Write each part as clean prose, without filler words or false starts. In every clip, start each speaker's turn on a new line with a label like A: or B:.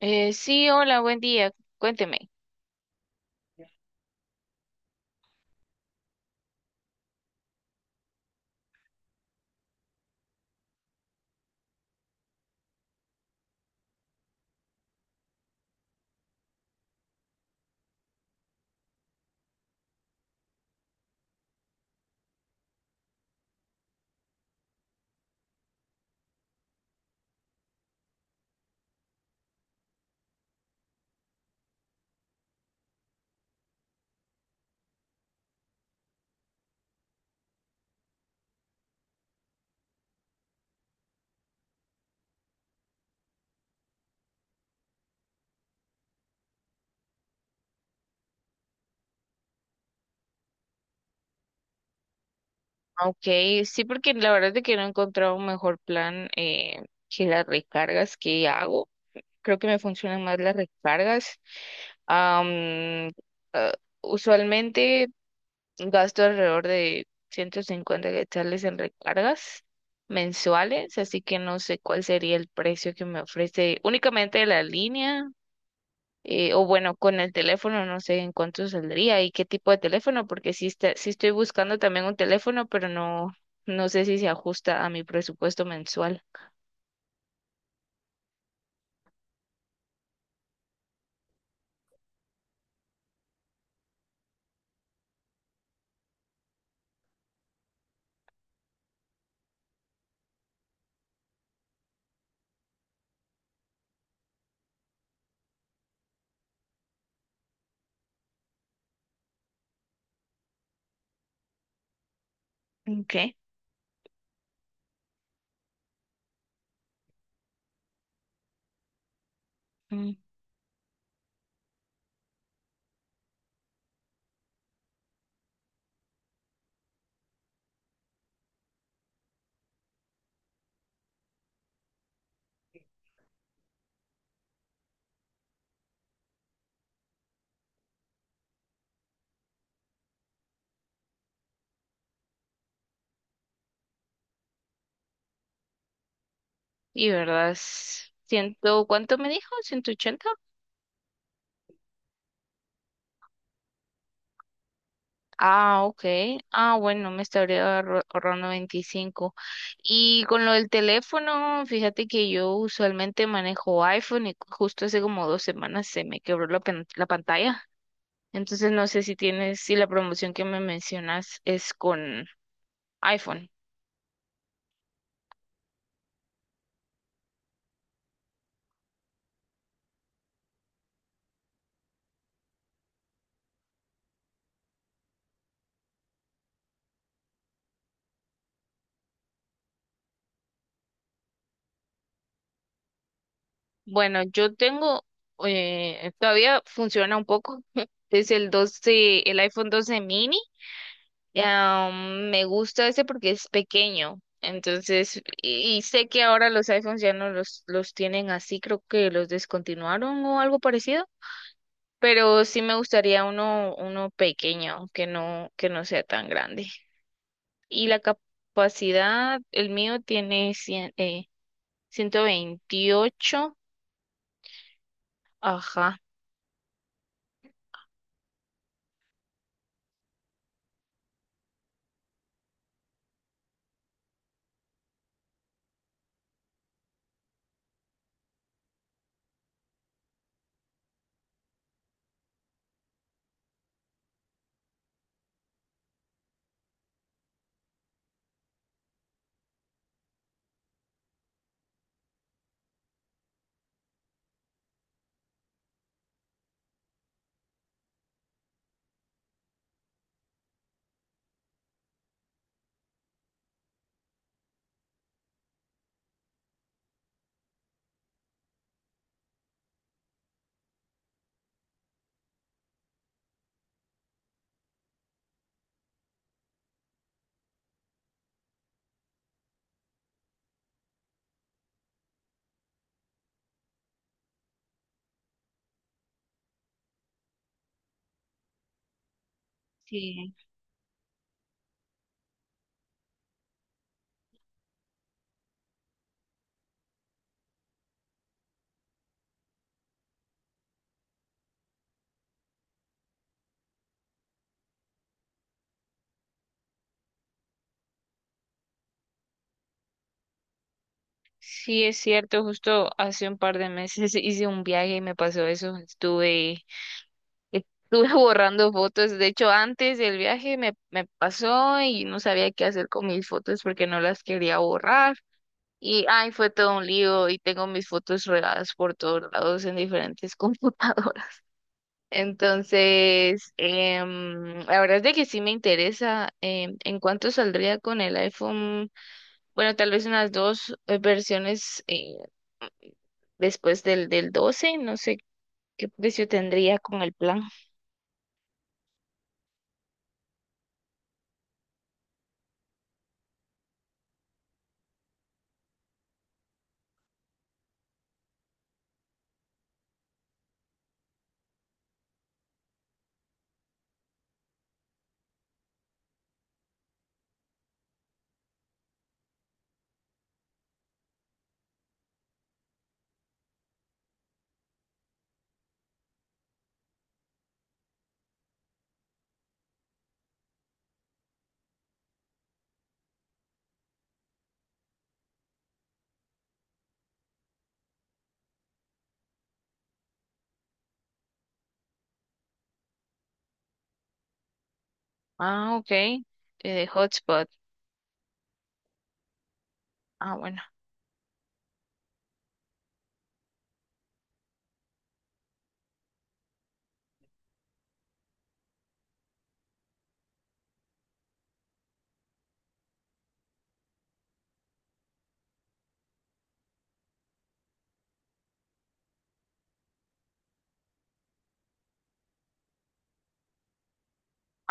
A: Sí, hola, buen día. Cuénteme. Ok, sí, porque la verdad es de que no he encontrado un mejor plan que las recargas que hago. Creo que me funcionan más las recargas. Am, ah, Usualmente gasto alrededor de 150 quetzales en recargas mensuales, así que no sé cuál sería el precio que me ofrece únicamente la línea, o bueno, con el teléfono no sé en cuánto saldría y qué tipo de teléfono, porque sí, sí estoy buscando también un teléfono, pero no sé si se ajusta a mi presupuesto mensual. Okay. Mm. Y verdad, es ciento, ¿cuánto me dijo? Ciento ochenta. Ah, ok. Ah, bueno, me estaría ahorrando 25. Y con lo del teléfono, fíjate que yo usualmente manejo iPhone y justo hace como dos semanas se me quebró la pantalla. Entonces no sé si tienes, si la promoción que me mencionas es con iPhone. Bueno, yo tengo, todavía funciona un poco. Es el doce, el iPhone doce mini. Ah, me gusta ese porque es pequeño. Entonces, y sé que ahora los iPhones ya no los tienen así, creo que los descontinuaron o algo parecido. Pero sí me gustaría uno, uno pequeño, que no sea tan grande. Y la capacidad, el mío tiene 128. Ajá. Sí, sí, es cierto. Justo hace un par de meses hice un viaje y me pasó eso. Estuve borrando fotos. De hecho, antes del viaje me pasó y no sabía qué hacer con mis fotos porque no las quería borrar. Y ay, fue todo un lío y tengo mis fotos regadas por todos lados en diferentes computadoras. Entonces, la verdad es de que sí me interesa, en cuánto saldría con el iPhone, bueno, tal vez unas dos versiones, después del 12, no sé qué precio tendría con el plan. Ah, ok, de hotspot. Ah, bueno.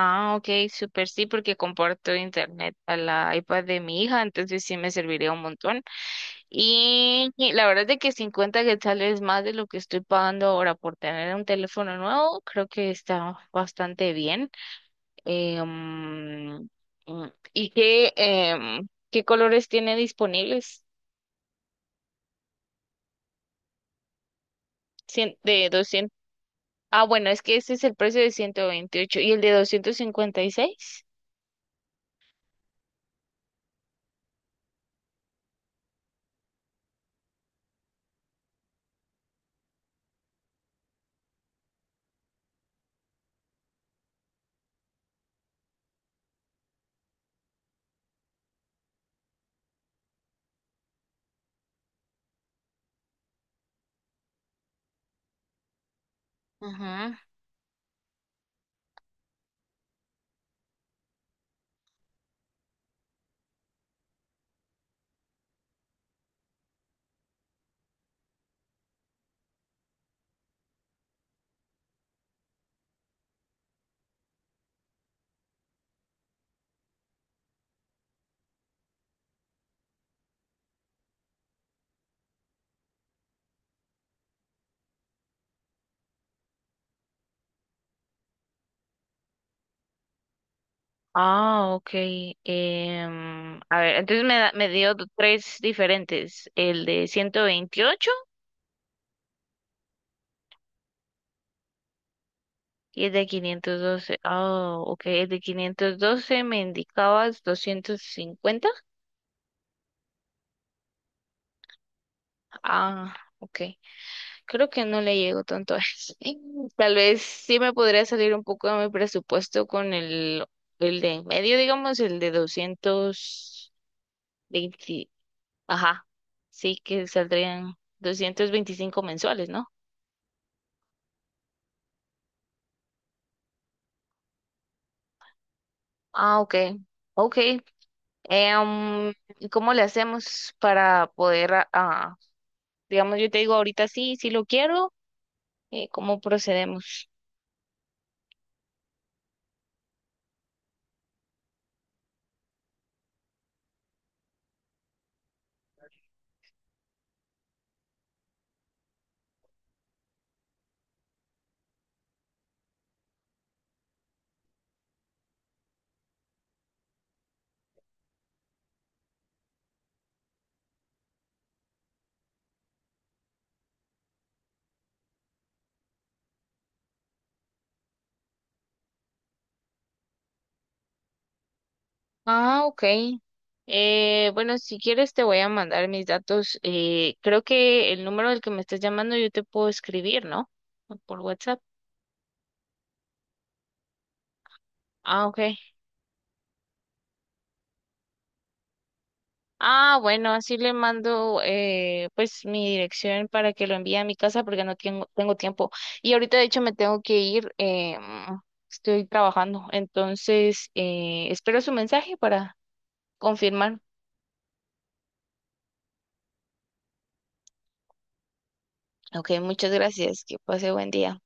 A: Ah, ok, súper. Sí, porque comparto internet a la iPad de mi hija, entonces sí me serviría un montón. Y la verdad es de que 50 quetzales más de lo que estoy pagando ahora por tener un teléfono nuevo, creo que está bastante bien. Eh, mm, mm, ¿Y qué, qué colores tiene disponibles? Cien- de 200. Ah, bueno, es que este es el precio de 128 y el de 256. Ujú. Ah, ok. A ver, entonces me dio tres diferentes, el de 128. Y es de 512. Oh, ok. Es de 512. Me indicabas 250. Ah, ok. Creo que no le llego tanto a eso. Tal vez sí me podría salir un poco de mi presupuesto con el de en medio, digamos, el de 220. Ajá. Sí, que saldrían 225 mensuales, ¿no? Ah, ok. Ok. Em, ¿Y cómo le hacemos para poder ah, digamos, yo te digo ahorita sí, sí lo quiero, ¿cómo procedemos? Ah, ok. Bueno, si quieres te voy a mandar mis datos. Creo que el número del que me estás llamando yo te puedo escribir, ¿no? Por WhatsApp. Ah, ok. Ah, bueno, así le mando pues mi dirección para que lo envíe a mi casa porque no tengo, tengo tiempo. Y ahorita de hecho me tengo que ir, estoy trabajando. Entonces, espero su mensaje para confirmar. Ok, muchas gracias. Que pase buen día.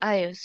A: Adiós.